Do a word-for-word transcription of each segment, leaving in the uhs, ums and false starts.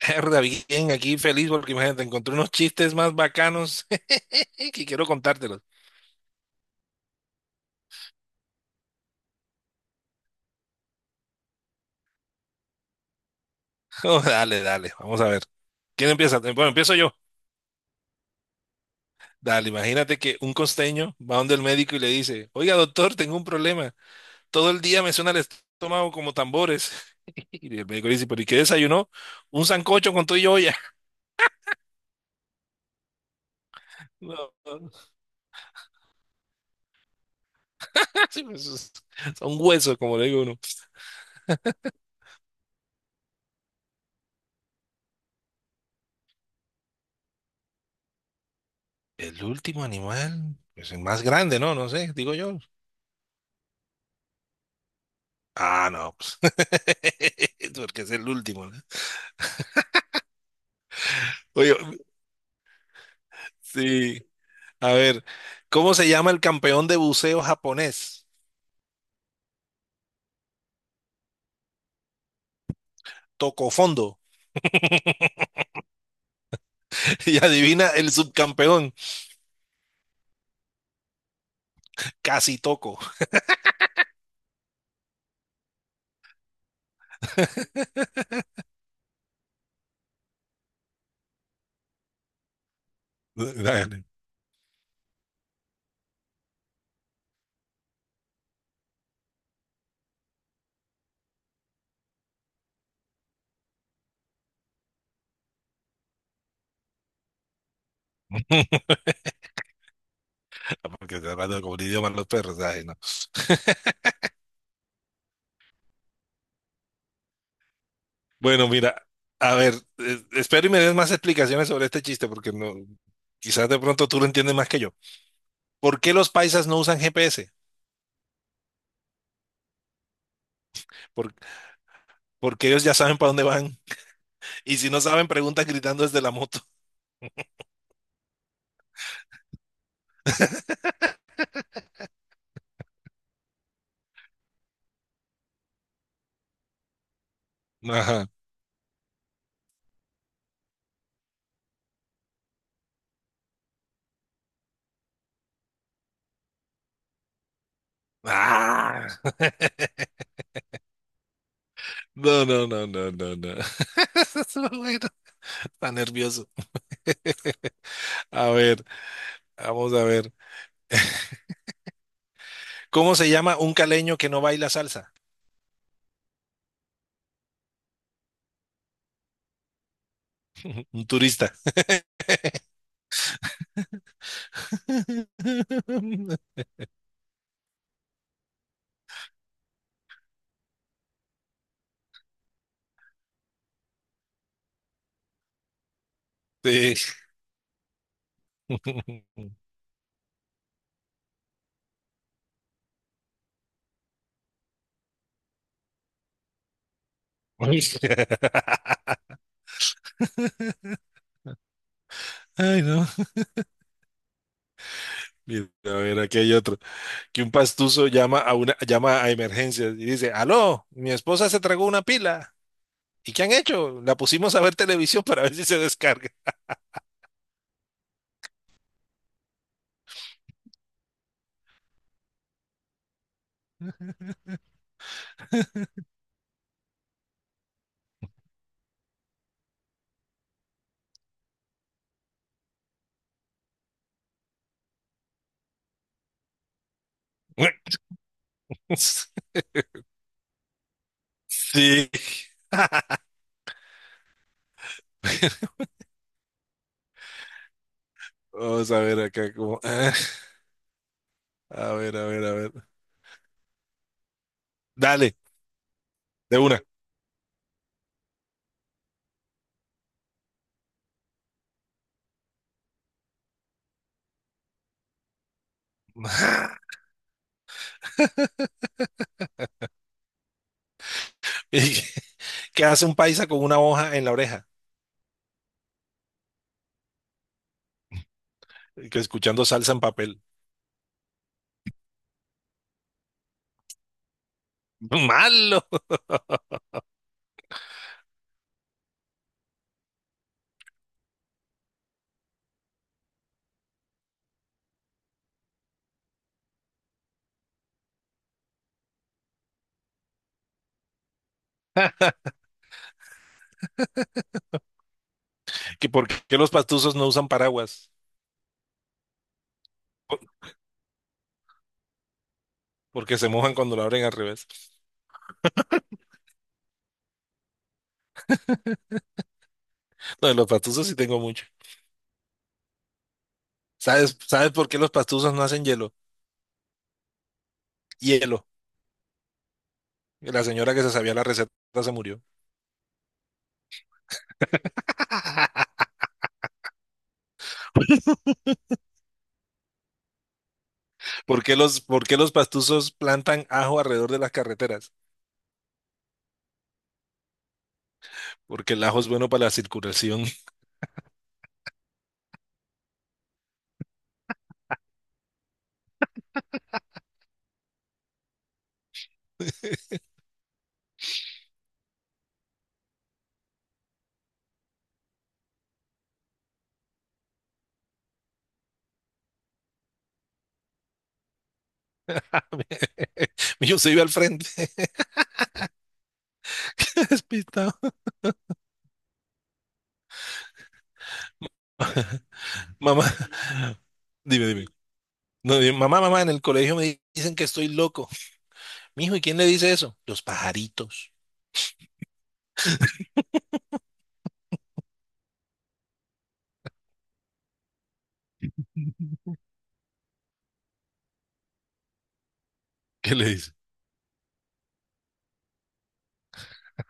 Herda, bien, aquí feliz porque imagínate, encontré unos chistes más bacanos que quiero contártelos. Oh, dale, dale, vamos a ver. ¿Quién empieza? Bueno, empiezo yo. Dale, imagínate que un costeño va donde el médico y le dice, oiga, doctor, tengo un problema. Todo el día me suena el estómago como tambores. Y el médico le dice, ¿pero y qué desayunó? Un sancocho con todo y olla. No, no, sí, pues, es- son huesos, como le digo uno. El último animal, pues el más grande, ¿no? No sé, digo yo. Ah, no, pues. Porque es el último, ¿no? Oye, sí. A ver, ¿cómo se llama el campeón de buceo japonés? Toco fondo. Y adivina el subcampeón, casi toco. Dale. Porque está hablando como el idioma de los perros. Ay, no. Bueno, mira, a ver, eh, espero y me des más explicaciones sobre este chiste, porque no, quizás de pronto tú lo entiendes más que yo. ¿Por qué los paisas no usan G P S? Por- Porque ellos ya saben para dónde van. Y si no saben, preguntan gritando desde la moto. Ajá. Ah. No, no, no, no, no, no. Estuvo bueno. Está nervioso. A ver, vamos a ver. ¿Cómo se llama un caleño que no baila salsa? Un turista. Sí. Ay, no. Mira, a ver, aquí hay otro. Que un pastuso llama a una, llama a emergencias y dice, aló, mi esposa se tragó una pila. ¿Y qué han hecho? La pusimos a ver televisión para ver si se descarga. Sí. Vamos a ver acá cómo. Ah, a ver, a ver, a ver. Dale, de una. ¿Qué hace un paisa con una hoja en la oreja? Que escuchando salsa en papel. Malo. ¿Que por qué los pastuzos no usan paraguas? Por- Porque se mojan cuando lo abren al revés. No, de los pastuzos sí tengo mucho. ¿Sabes, sabes por qué los pastuzos no hacen hielo? Hielo. La señora que se sabía la receta se murió. ¿Por qué los, ¿por qué los pastusos plantan ajo alrededor de las carreteras? Porque el ajo es bueno para la circulación. Yo se iba al frente, despistado. Mamá, dime, dime. No, dime, mamá, mamá, en el colegio me dicen que estoy loco. Mijo, ¿y quién le dice eso? Los pajaritos. ¿Qué le dice?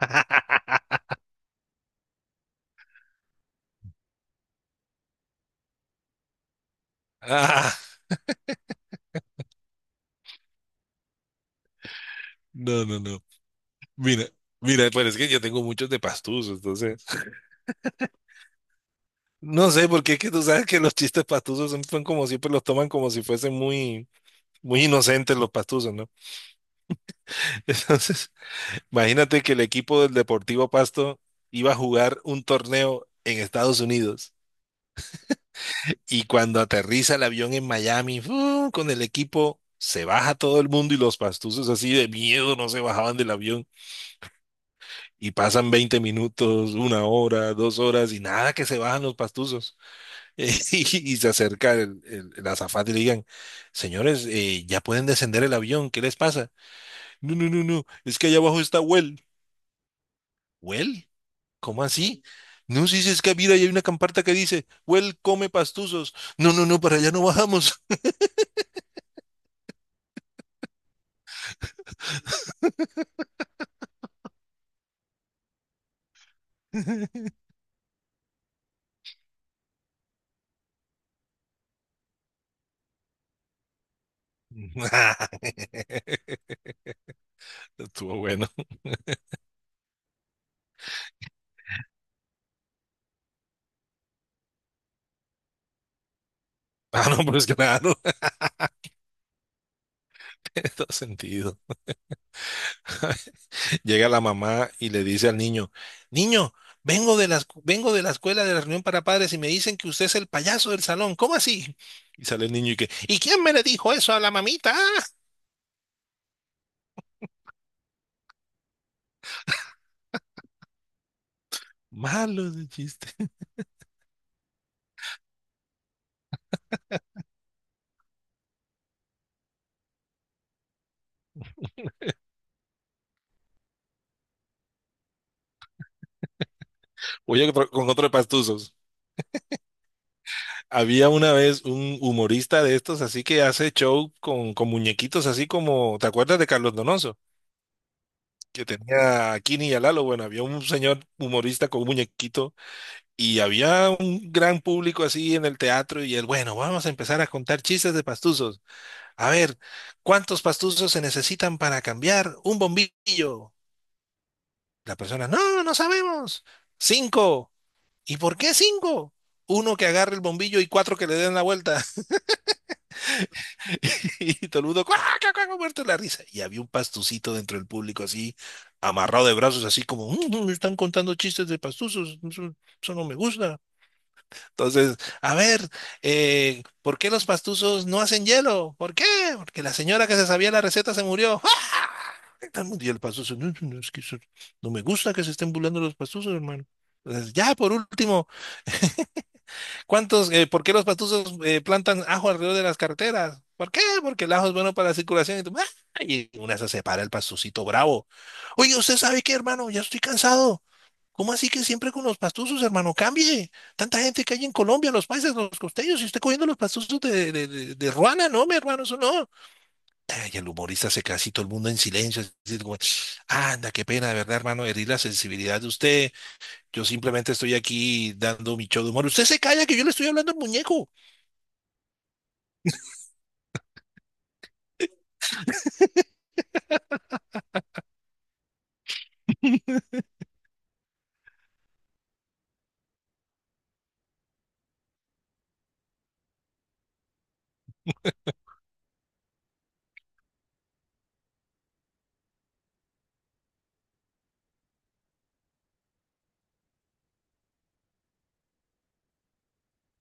Ah, no, no, no. Mira, mira, pues es que yo tengo muchos de pastuzos, entonces. No sé, porque es que tú sabes que los chistes pastuzos son son como siempre los toman como si fuesen muy, muy inocentes los pastuzos, ¿no? Entonces, imagínate que el equipo del Deportivo Pasto iba a jugar un torneo en Estados Unidos y cuando aterriza el avión en Miami, ¡fu! Con el equipo se baja todo el mundo y los pastusos así de miedo no se bajaban del avión y pasan veinte minutos, una hora, dos horas y nada que se bajan los pastusos. Eh, y, y se acerca el, el, el azafate y le digan, señores, eh, ya pueden descender el avión, ¿qué les pasa? No, no, no, no, es que allá abajo está Well. ¿Well? ¿Cómo así? No, si es que mira, ahí hay una camparta que dice, Well, come pastuzos. No, no, no, para allá no bajamos. Estuvo bueno. Ah, no, pues claro, todo sentido. Llega la mamá y le dice al niño, niño, vengo de la, escu- vengo de la escuela de la reunión para padres y me dicen que usted es el payaso del salón. ¿Cómo así? Y sale el niño y que, ¿y quién me le dijo eso a la mamita? Malo de chiste. Oye, con otro de pastuzos. Había una vez un humorista de estos, así que hace show con, con muñequitos, así como, ¿te acuerdas de Carlos Donoso? Que tenía a Kini y a Lalo. Bueno, había un señor humorista con un muñequito y había un gran público así en el teatro y él, bueno, vamos a empezar a contar chistes de pastuzos. A ver, ¿cuántos pastuzos se necesitan para cambiar un bombillo? La persona, no, no sabemos. Cinco. ¿Y por qué cinco? Uno que agarre el bombillo y cuatro que le den la vuelta. Y todo el mundo, ¡cuac, cuac, cuac! Muerto de la risa. Y había un pastucito dentro del público así, amarrado de brazos, así como, "Mm, mm, me están contando chistes de pastuzos, eso, eso no me gusta. Entonces, a ver, eh, ¿por qué los pastuzos no hacen hielo? ¿Por qué? Porque la señora que se sabía la receta se murió. ¡Ah! Todo el mundo, y el pastuzo, no, no, no, es que eso- no me gusta que se estén burlando los pastuzos, hermano. Entonces, ya, por último, ¿cuántos, eh, por qué los patuzos eh, plantan ajo alrededor de las carreteras? ¿Por qué? Porque el ajo es bueno para la circulación. Y, tú, ¡ah! Y una se separa el pastucito bravo. Oye, ¿usted sabe qué, hermano? Ya estoy cansado. ¿Cómo así que siempre con los pastuzos, hermano? Cambie. Tanta gente que hay en Colombia, los paisas, los costeños, y usted cogiendo los pastuzos de, de, de, de Ruana, no, mi hermano, eso no. Ay, el humorista se casi todo el mundo en silencio. Así como, anda, qué pena, de verdad, hermano, herir la sensibilidad de usted. Yo simplemente estoy aquí dando mi show de humor. Usted se calla que yo le estoy hablando al muñeco.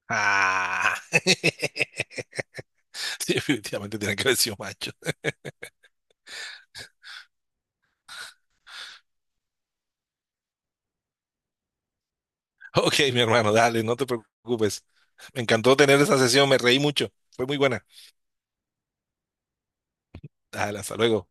Ah, definitivamente tiene que haber sido macho. Ok, mi hermano, dale, no te preocupes. Me encantó tener esa sesión, me reí mucho. Fue muy buena. Dale, hasta luego.